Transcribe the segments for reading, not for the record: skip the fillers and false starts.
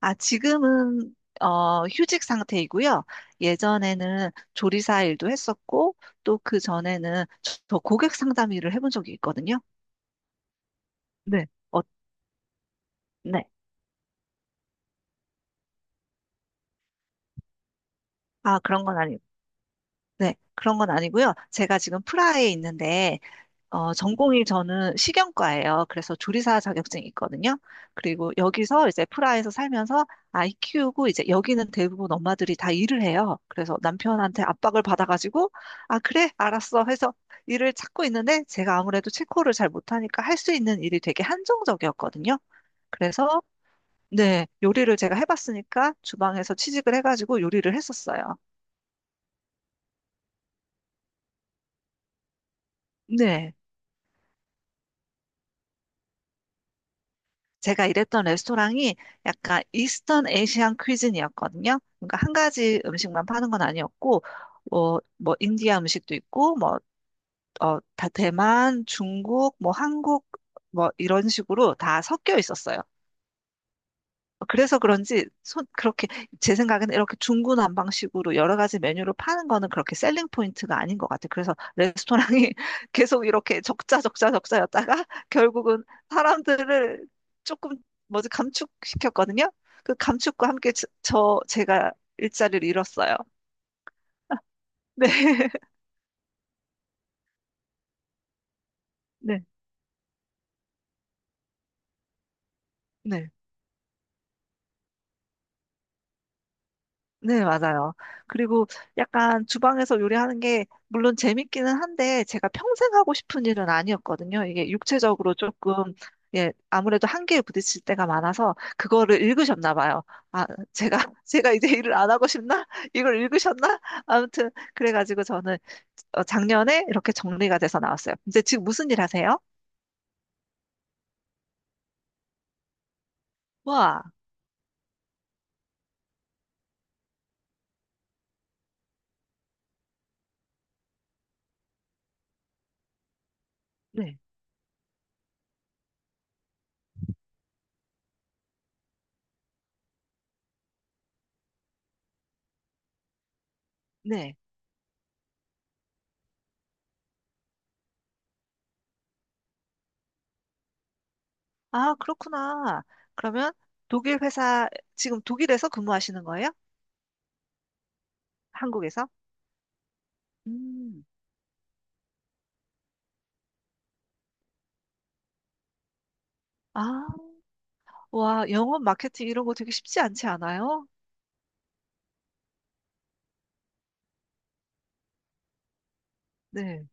아, 지금은 휴직 상태이고요. 예전에는 조리사 일도 했었고, 또 그 전에는 저 고객 상담 일을 해본 적이 있거든요. 네. 어, 네. 아, 그런 건 아니, 네. 그런 건 아니고요. 제가 지금 프라하에 있는데, 전공이 저는 식용과예요. 그래서 조리사 자격증이 있거든요. 그리고 여기서 이제 프라하에서 살면서 아이 키우고 이제 여기는 대부분 엄마들이 다 일을 해요. 그래서 남편한테 압박을 받아가지고 아, 그래, 알았어 해서 일을 찾고 있는데 제가 아무래도 체코를 잘 못하니까 할 수 있는 일이 되게 한정적이었거든요. 그래서 네, 요리를 제가 해봤으니까 주방에서 취직을 해가지고 요리를 했었어요. 네. 제가 일했던 레스토랑이 약간 이스턴 에이시안 퀴즈니였거든요. 그러니까 한 가지 음식만 파는 건 아니었고, 뭐, 인디아 음식도 있고, 뭐, 다 대만, 중국, 뭐, 한국, 뭐, 이런 식으로 다 섞여 있었어요. 그래서 그런지 손 그렇게 제 생각에는 이렇게 중구난방식으로 여러 가지 메뉴를 파는 거는 그렇게 셀링 포인트가 아닌 것 같아요. 그래서 레스토랑이 계속 이렇게 적자 적자 적자였다가 결국은 사람들을 조금 뭐지 감축시켰거든요. 그 감축과 함께 제가 일자리를 잃었어요. 네. 네. 네. 네, 맞아요. 그리고 약간 주방에서 요리하는 게 물론 재밌기는 한데 제가 평생 하고 싶은 일은 아니었거든요. 이게 육체적으로 조금 예, 아무래도 한계에 부딪힐 때가 많아서 그거를 읽으셨나 봐요. 아, 제가 제가 이제 일을 안 하고 싶나? 이걸 읽으셨나? 아무튼 그래가지고 저는 작년에 이렇게 정리가 돼서 나왔어요. 이제 지금 무슨 일 하세요? 와, 네, 네. 아, 그렇구나. 그러면 독일 회사 지금 독일에서 근무하시는 거예요? 한국에서? 음. 아, 와, 영업 마케팅 이런 거 되게 쉽지 않지 않아요? 네.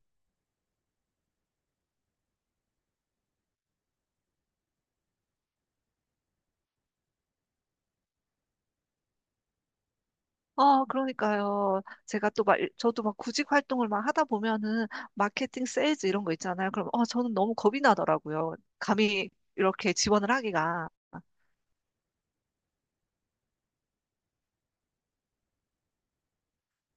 어, 그러니까요. 저도 막 구직 활동을 막 하다 보면은 마케팅 세일즈 이런 거 있잖아요. 그럼, 저는 너무 겁이 나더라고요. 감히 이렇게 지원을 하기가.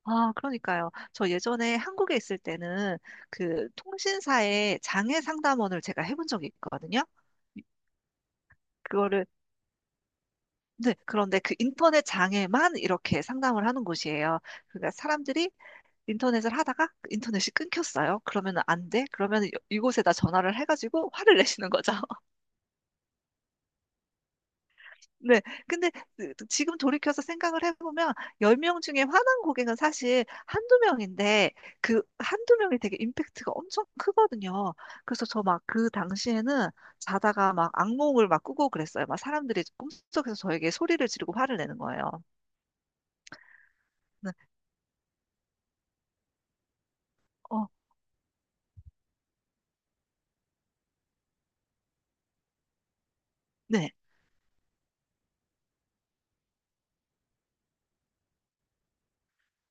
아, 그러니까요. 저 예전에 한국에 있을 때는 그 통신사의 장애 상담원을 제가 해본 적이 있거든요. 그거를 네, 그런데 그 인터넷 장애만 이렇게 상담을 하는 곳이에요. 그러니까 사람들이 인터넷을 하다가 그 인터넷이 끊겼어요. 그러면은 안 돼? 그러면 이곳에다 전화를 해가지고 화를 내시는 거죠. 네. 근데 그 지금 돌이켜서 생각을 해보면 10명 중에 화난 고객은 사실 한두 명인데 그 한두 명이 되게 임팩트가 엄청 크거든요. 그래서 저 막 그 당시에는 자다가 막 악몽을 막 꾸고 그랬어요. 막 사람들이 꿈속에서 저에게 소리를 지르고 화를 내는 거예요. 네. 어, 네.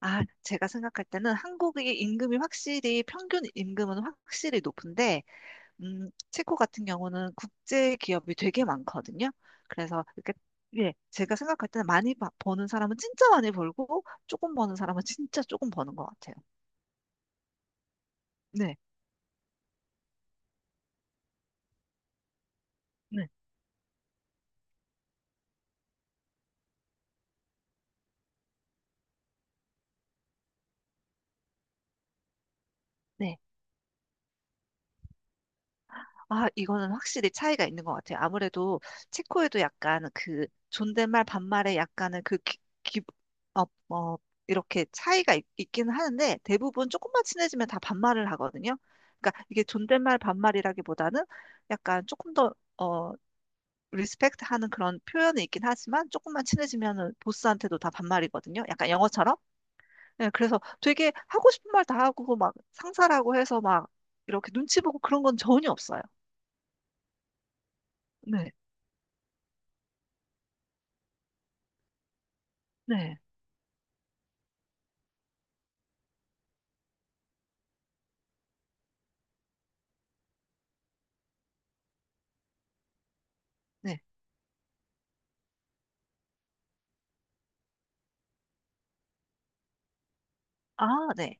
아, 제가 생각할 때는 한국의 임금이 확실히 평균 임금은 확실히 높은데, 체코 같은 경우는 국제 기업이 되게 많거든요. 그래서 이렇게 예, 제가 생각할 때는 많이 버는 사람은 진짜 많이 벌고 조금 버는 사람은 진짜 조금 버는 것 같아요. 네, 네. 네. 아, 이거는 확실히 차이가 있는 것 같아요. 아무래도 체코에도 약간 그 존댓말 반말에 약간은 어, 어, 이렇게 차이가 있긴 하는데 대부분 조금만 친해지면 다 반말을 하거든요. 그러니까 이게 존댓말 반말이라기보다는 약간 조금 더 리스펙트 하는 그런 표현이 있긴 하지만 조금만 친해지면은 보스한테도 다 반말이거든요. 약간 영어처럼. 예, 그래서 되게 하고 싶은 말 다 하고 막 상사라고 해서 막 이렇게 눈치 보고 그런 건 전혀 없어요. 네. 네. 네. 아, 네.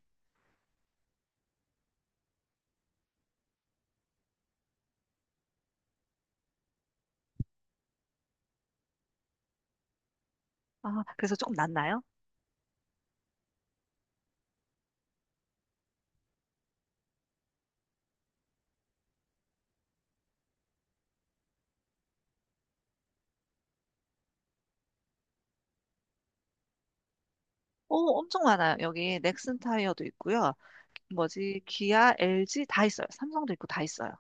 아, 그래서 조금 낫나요? 오, 엄청 많아요. 여기 넥슨 타이어도 있고요. 뭐지, 기아, LG 다 있어요. 삼성도 있고 다 있어요.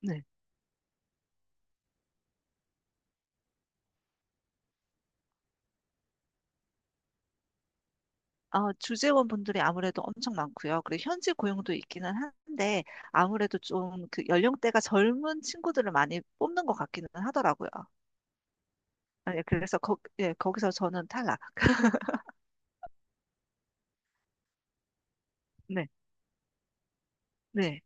네. 아, 주재원 분들이 아무래도 엄청 많고요. 그리고 현지 고용도 있기는 한데, 아무래도 좀 그 연령대가 젊은 친구들을 많이 뽑는 것 같기는 하더라고요. 아, 예, 그래서 거, 예, 거기서 저는 탈락. 네, 네.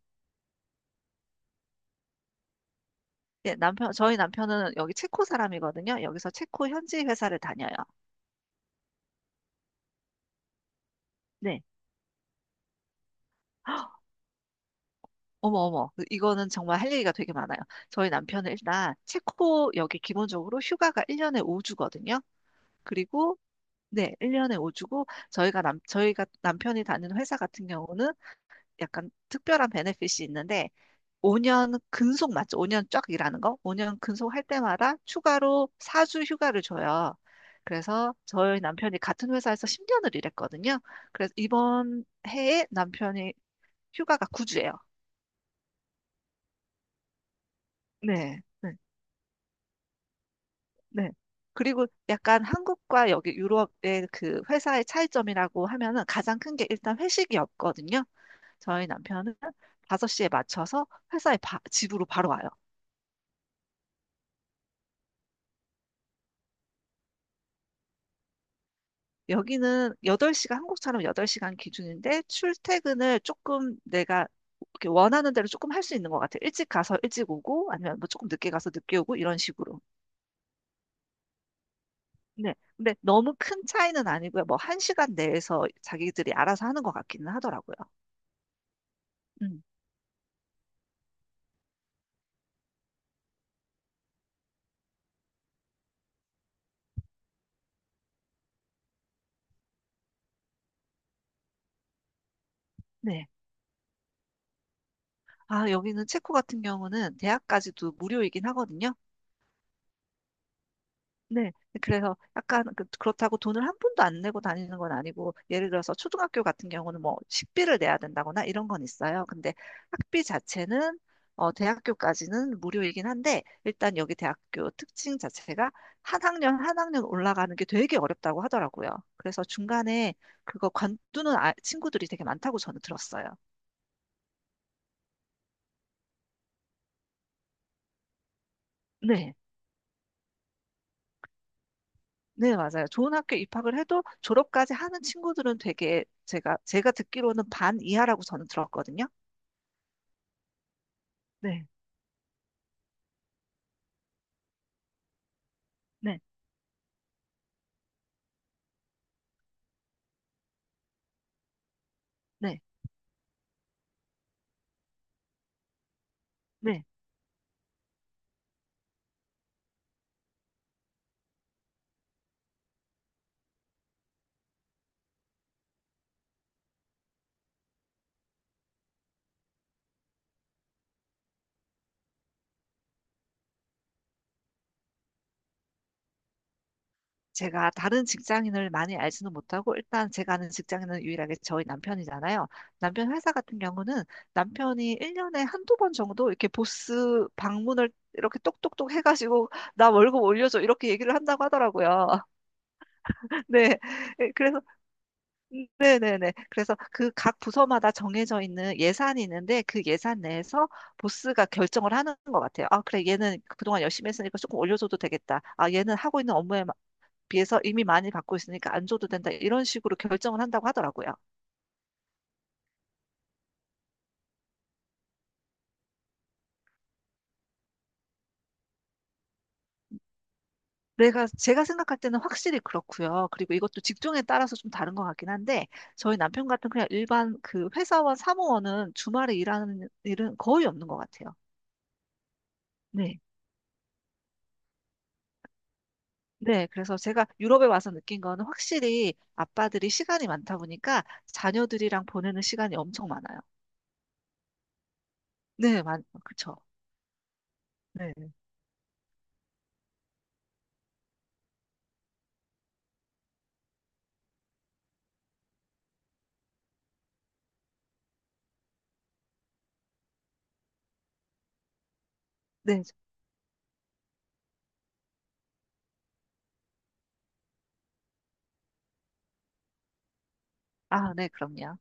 예, 남편, 저희 남편은 여기 체코 사람이거든요. 여기서 체코 현지 회사를 다녀요. 네. 어머, 어머. 그, 이거는 정말 할 얘기가 되게 많아요. 저희 남편은 일단 체코 여기 기본적으로 휴가가 1년에 5주거든요. 그리고 네, 1년에 5주고 저희가 남편이 다니는 회사 같은 경우는 약간 특별한 베네핏이 있는데 5년 근속 맞죠? 5년 쫙 일하는 거? 5년 근속할 때마다 추가로 4주 휴가를 줘요. 그래서 저희 남편이 같은 회사에서 10년을 일했거든요. 그래서 이번 해에 남편이 휴가가 9주예요. 네. 네. 그리고 약간 한국과 여기 유럽의 그 회사의 차이점이라고 하면은 가장 큰 게 일단 회식이 없거든요. 저희 남편은 5시에 맞춰서 회사에 집으로 바로 와요. 여기는 8시간, 한국처럼 8시간 기준인데 출퇴근을 조금 내가 이렇게 원하는 대로 조금 할 수 있는 것 같아요. 일찍 가서 일찍 오고 아니면 뭐 조금 늦게 가서 늦게 오고 이런 식으로. 네. 근데 너무 큰 차이는 아니고요. 뭐 1시간 내에서 자기들이 알아서 하는 것 같기는 하더라고요. 음. 네. 아, 여기는 체코 같은 경우는 대학까지도 무료이긴 하거든요. 네. 그래서 약간 그렇다고 돈을 한 푼도 안 내고 다니는 건 아니고, 예를 들어서 초등학교 같은 경우는 뭐 식비를 내야 된다거나 이런 건 있어요. 근데 학비 자체는 어, 대학교까지는 무료이긴 한데, 일단 여기 대학교 특징 자체가 한 학년 한 학년 올라가는 게 되게 어렵다고 하더라고요. 그래서 중간에 그거 관두는 친구들이 되게 많다고 저는 들었어요. 네. 네, 맞아요. 좋은 학교 입학을 해도 졸업까지 하는 친구들은 되게 제가 듣기로는 반 이하라고 저는 들었거든요. 네, 네, 네, 네. 제가 다른 직장인을 많이 알지는 못하고 일단 제가 아는 직장인은 유일하게 저희 남편이잖아요. 남편 회사 같은 경우는 남편이 1년에 한두 번 정도 이렇게 보스 방문을 이렇게 똑똑똑 해가지고 나 월급 올려줘 이렇게 얘기를 한다고 하더라고요. 네. 예, 그래서 네네네. 그래서 그 각 부서마다 정해져 있는 예산이 있는데 그 예산 내에서 보스가 결정을 하는 것 같아요. 아, 그래, 얘는 그동안 열심히 했으니까 조금 올려줘도 되겠다. 아, 얘는 하고 있는 업무에 비해서 이미 많이 받고 있으니까 안 줘도 된다. 이런 식으로 결정을 한다고 하더라고요. 제가 생각할 때는 확실히 그렇고요. 그리고 이것도 직종에 따라서 좀 다른 것 같긴 한데 저희 남편 같은 그냥 일반 그 회사원, 사무원은 주말에 일하는 일은 거의 없는 것 같아요. 네. 네, 그래서 제가 유럽에 와서 느낀 거는 확실히 아빠들이 시간이 많다 보니까 자녀들이랑 보내는 시간이 엄청 많아요. 네, 그쵸. 네, 네. 아, 네, 그럼요.